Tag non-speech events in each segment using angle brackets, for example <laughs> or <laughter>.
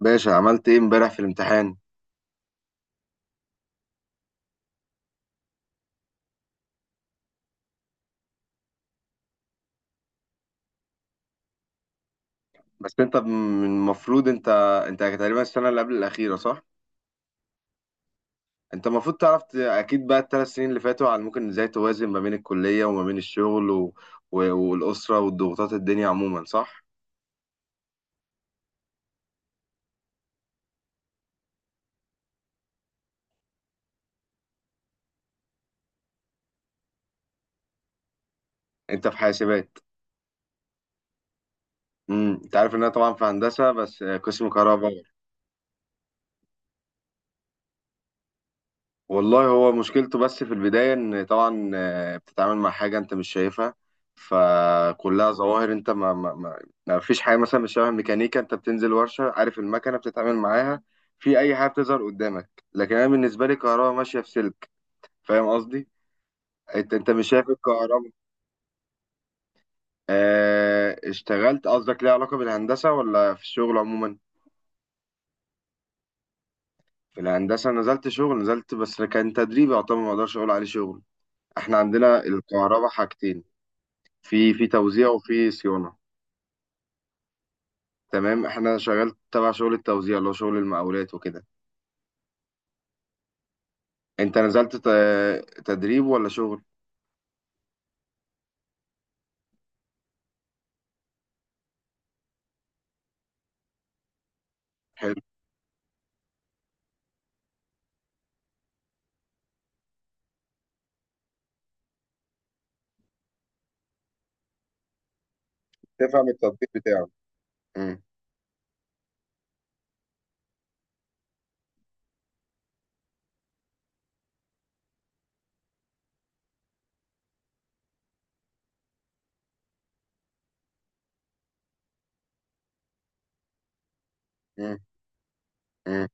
باشا عملت ايه امبارح في الامتحان؟ بس انت من المفروض انت تقريبا السنه اللي قبل الاخيره صح؟ انت المفروض تعرف اكيد بقى الثلاث سنين اللي فاتوا على ممكن ازاي توازن ما بين الكليه وما بين الشغل والاسره والضغوطات الدنيا عموما صح؟ انت في حاسبات؟ انت عارف ان انا طبعا في هندسه بس قسم كهرباء. والله هو مشكلته بس في البداية إن طبعا بتتعامل مع حاجة أنت مش شايفها. فكلها ظواهر أنت ما فيش حاجة مثلا مش شبه الميكانيكا. أنت بتنزل ورشة عارف المكنة بتتعامل معاها في أي حاجة بتظهر قدامك، لكن أنا بالنسبة لي الكهرباء ماشية في سلك. فاهم قصدي؟ أنت مش شايف الكهرباء. آه اشتغلت، قصدك ليه علاقة بالهندسة ولا في الشغل عموما؟ في الهندسة نزلت شغل، نزلت بس كان تدريب يعتبر، ما أقدرش أقول عليه شغل. إحنا عندنا الكهرباء حاجتين. في توزيع وفي صيانة. تمام احنا شغال تبع شغل التوزيع اللي هو شغل المقاولات وكده. انت نزلت تدريب ولا شغل؟ حلو. تفهم التطبيق بتاعه. مم. مم. مم.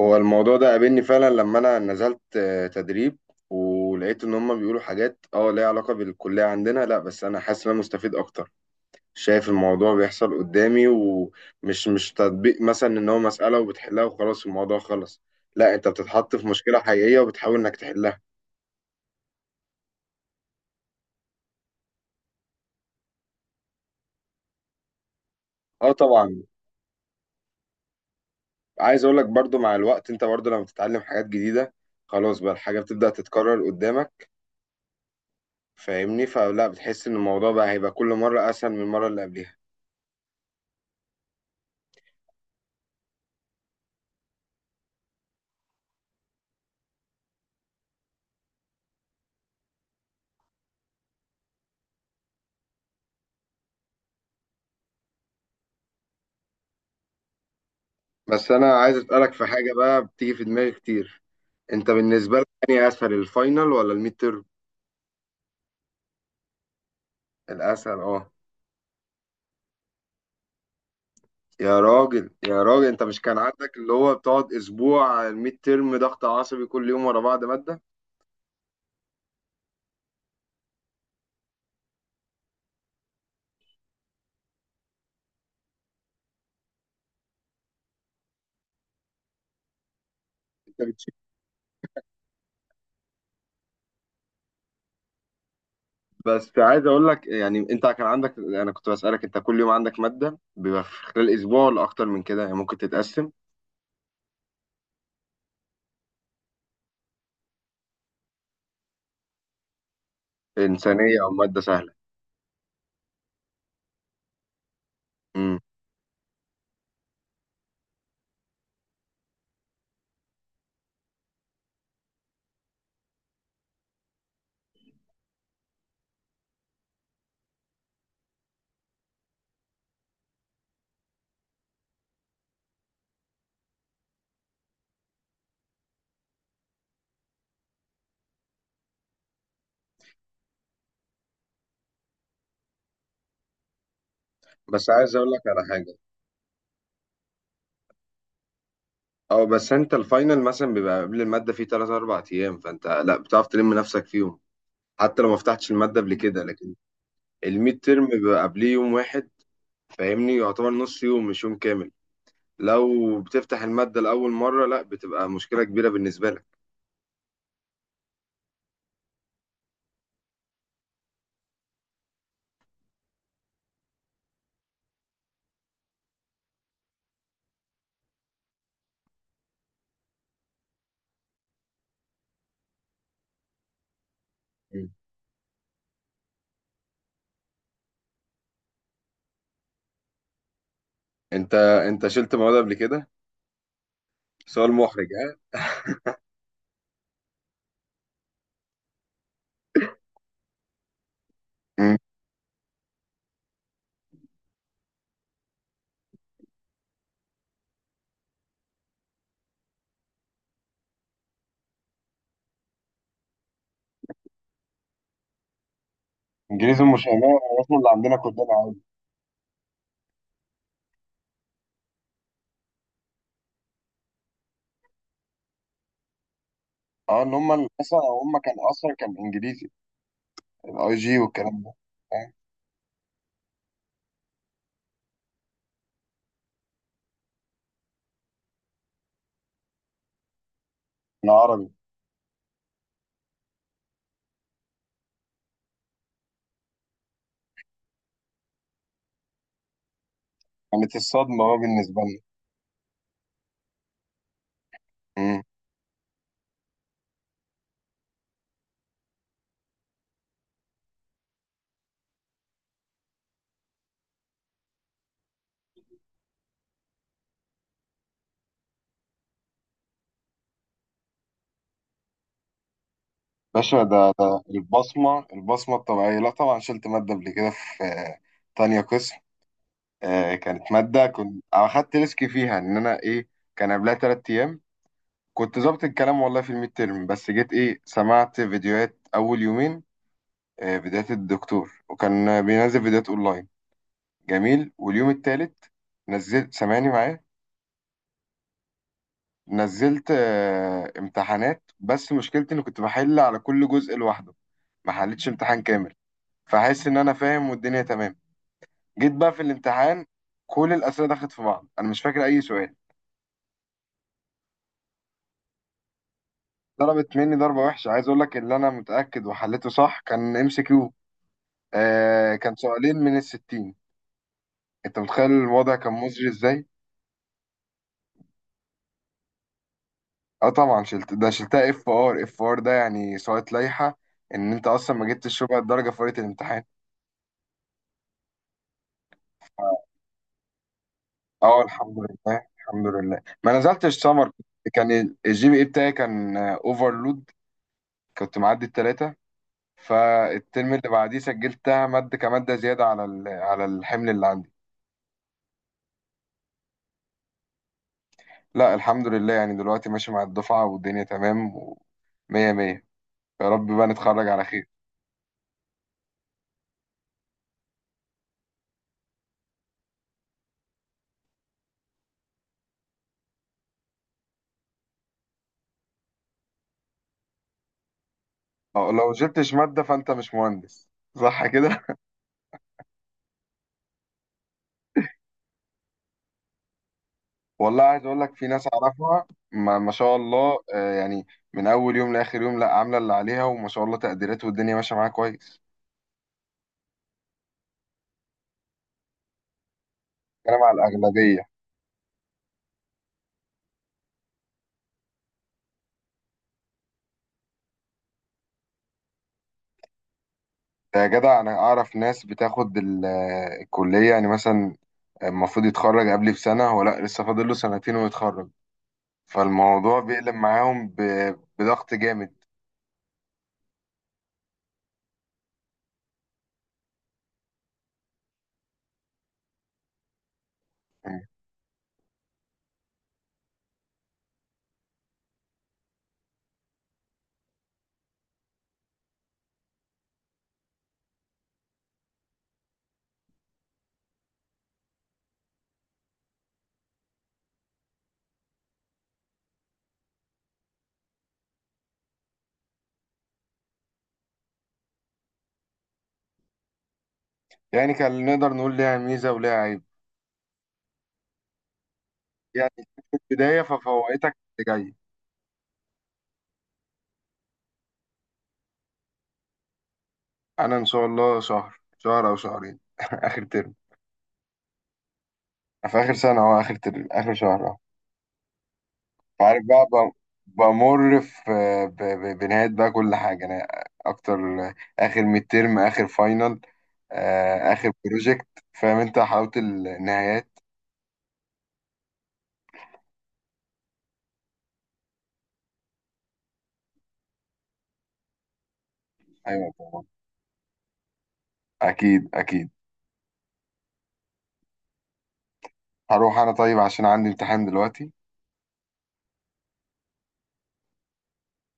هو الموضوع ده قابلني فعلا لما انا نزلت تدريب. ولقيت ان هم بيقولوا حاجات اه ليها علاقة بالكلية عندنا، لا بس انا حاسس ان انا مستفيد اكتر. شايف الموضوع بيحصل قدامي ومش مش تطبيق مثلا ان هو مسألة وبتحلها وخلاص الموضوع خلص. لا انت بتتحط في مشكلة حقيقية وبتحاول انك تحلها. اه طبعا. عايز اقول لك برضو مع الوقت، انت برضو لما بتتعلم حاجات جديده خلاص بقى الحاجه بتبدا تتكرر قدامك. فاهمني؟ فلا بتحس ان الموضوع بقى هيبقى كل مره اسهل من المره اللي قبلها. بس انا عايز اسالك في حاجه بقى بتيجي في دماغي كتير. انت بالنسبه لك يعني اسهل الفاينل ولا الميد تيرم؟ الاسهل اه. يا راجل يا راجل، انت مش كان عندك اللي هو بتقعد اسبوع على الميد تيرم ضغط عصبي كل يوم ورا بعض ماده؟ انت بس عايز اقول لك يعني، انت كان عندك، انا كنت بسألك انت كل يوم عندك مادة بيبقى في خلال اسبوع ولا اكتر من كده يعني ممكن تتقسم؟ انسانية او مادة سهلة. امم. بس عايز اقول لك على حاجة. اه بس انت الفاينل مثلا بيبقى قبل المادة فيه 3 4 ايام، فانت لا بتعرف تلم نفسك فيهم حتى لو ما فتحتش المادة قبل كده. لكن الميد ترم بيبقى قبليه يوم واحد. فاهمني؟ يعتبر نص يوم مش يوم كامل. لو بتفتح المادة لأول مرة لا بتبقى مشكلة كبيرة بالنسبة لك. مم. انت انت شلت مواد قبل كده؟ سؤال محرج. مم. انجليزي مش أمريكي، اصلا اللي عندنا كلنا عادي. اه اللي هم. مثلا هم كان اصلا كان انجليزي الاي جي والكلام ده. فاهم؟ احنا عربي. كانت الصدمه بقى بالنسبه لنا. مم. باشا ده البصمه البصمه الطبيعيه، لا طبعا شلت ماده قبل كده في تانية قسم. كانت ماده كنت اخدت ريسك فيها ان انا ايه. كان قبلها تلات ايام كنت ظابط الكلام والله في الميد تيرم، بس جيت ايه سمعت فيديوهات اول يومين. فيديوهات الدكتور وكان بينزل فيديوهات اونلاين. جميل. واليوم التالت نزلت، سامعني معايا؟ نزلت امتحانات، بس مشكلتي اني كنت بحل على كل جزء لوحده، ما حلتش امتحان كامل. فحس ان انا فاهم والدنيا تمام. جيت بقى في الامتحان، كل الاسئله دخلت في بعض انا مش فاكر اي سؤال. ضربت مني ضربه وحشه. عايز اقول لك اللي انا متاكد وحلته صح كان ام سي كيو. آه كان سؤالين من الستين. انت متخيل الوضع كان مزري ازاي. اه طبعا شلت، ده شلتها اف ار، اف ار ده يعني سقط لائحة، ان انت اصلا ما جبتش ربع الدرجة في ورقة الامتحان. اه الحمد لله الحمد لله ما نزلتش سمر. كان الجي بي اي بتاعي كان اوفرلود، كنت معدي التلاتة. فالترم اللي بعديه سجلتها مادة كمادة زيادة على على الحمل اللي عندي. لا الحمد لله، يعني دلوقتي ماشي مع الدفعة والدنيا تمام ومية مية. يا رب بقى نتخرج على خير. اه لو جبتش مادة فانت مش مهندس. صح كده. والله عايز اقول لك، في ناس اعرفها ما شاء الله يعني من اول يوم لاخر يوم لا عامله اللي عليها، وما شاء الله تقديرات والدنيا ماشيه معاها كويس. انا مع الاغلبيه. ده يا جدع انا اعرف ناس بتاخد الكليه، يعني مثلا المفروض يتخرج قبلي بسنه، هو لا لسه فاضل له سنتين ويتخرج. فالموضوع بيقلب معاهم بضغط جامد. يعني كان نقدر نقول ليها ميزه وليها عيب يعني. في البدايه ففوقتك اللي جاي. انا ان شاء الله شهر او شهرين <laughs> اخر ترم. في آخر سنة أو آخر شهر أهو. فعارف بقى بمر في بنهاية بقى كل حاجة. أنا أكتر، آخر ميد ترم، آخر فاينل، آخر بروجكت. فاهم أنت حلاوة النهايات. أيوة طبعا. أكيد أكيد. هروح أنا طيب عشان عندي امتحان دلوقتي.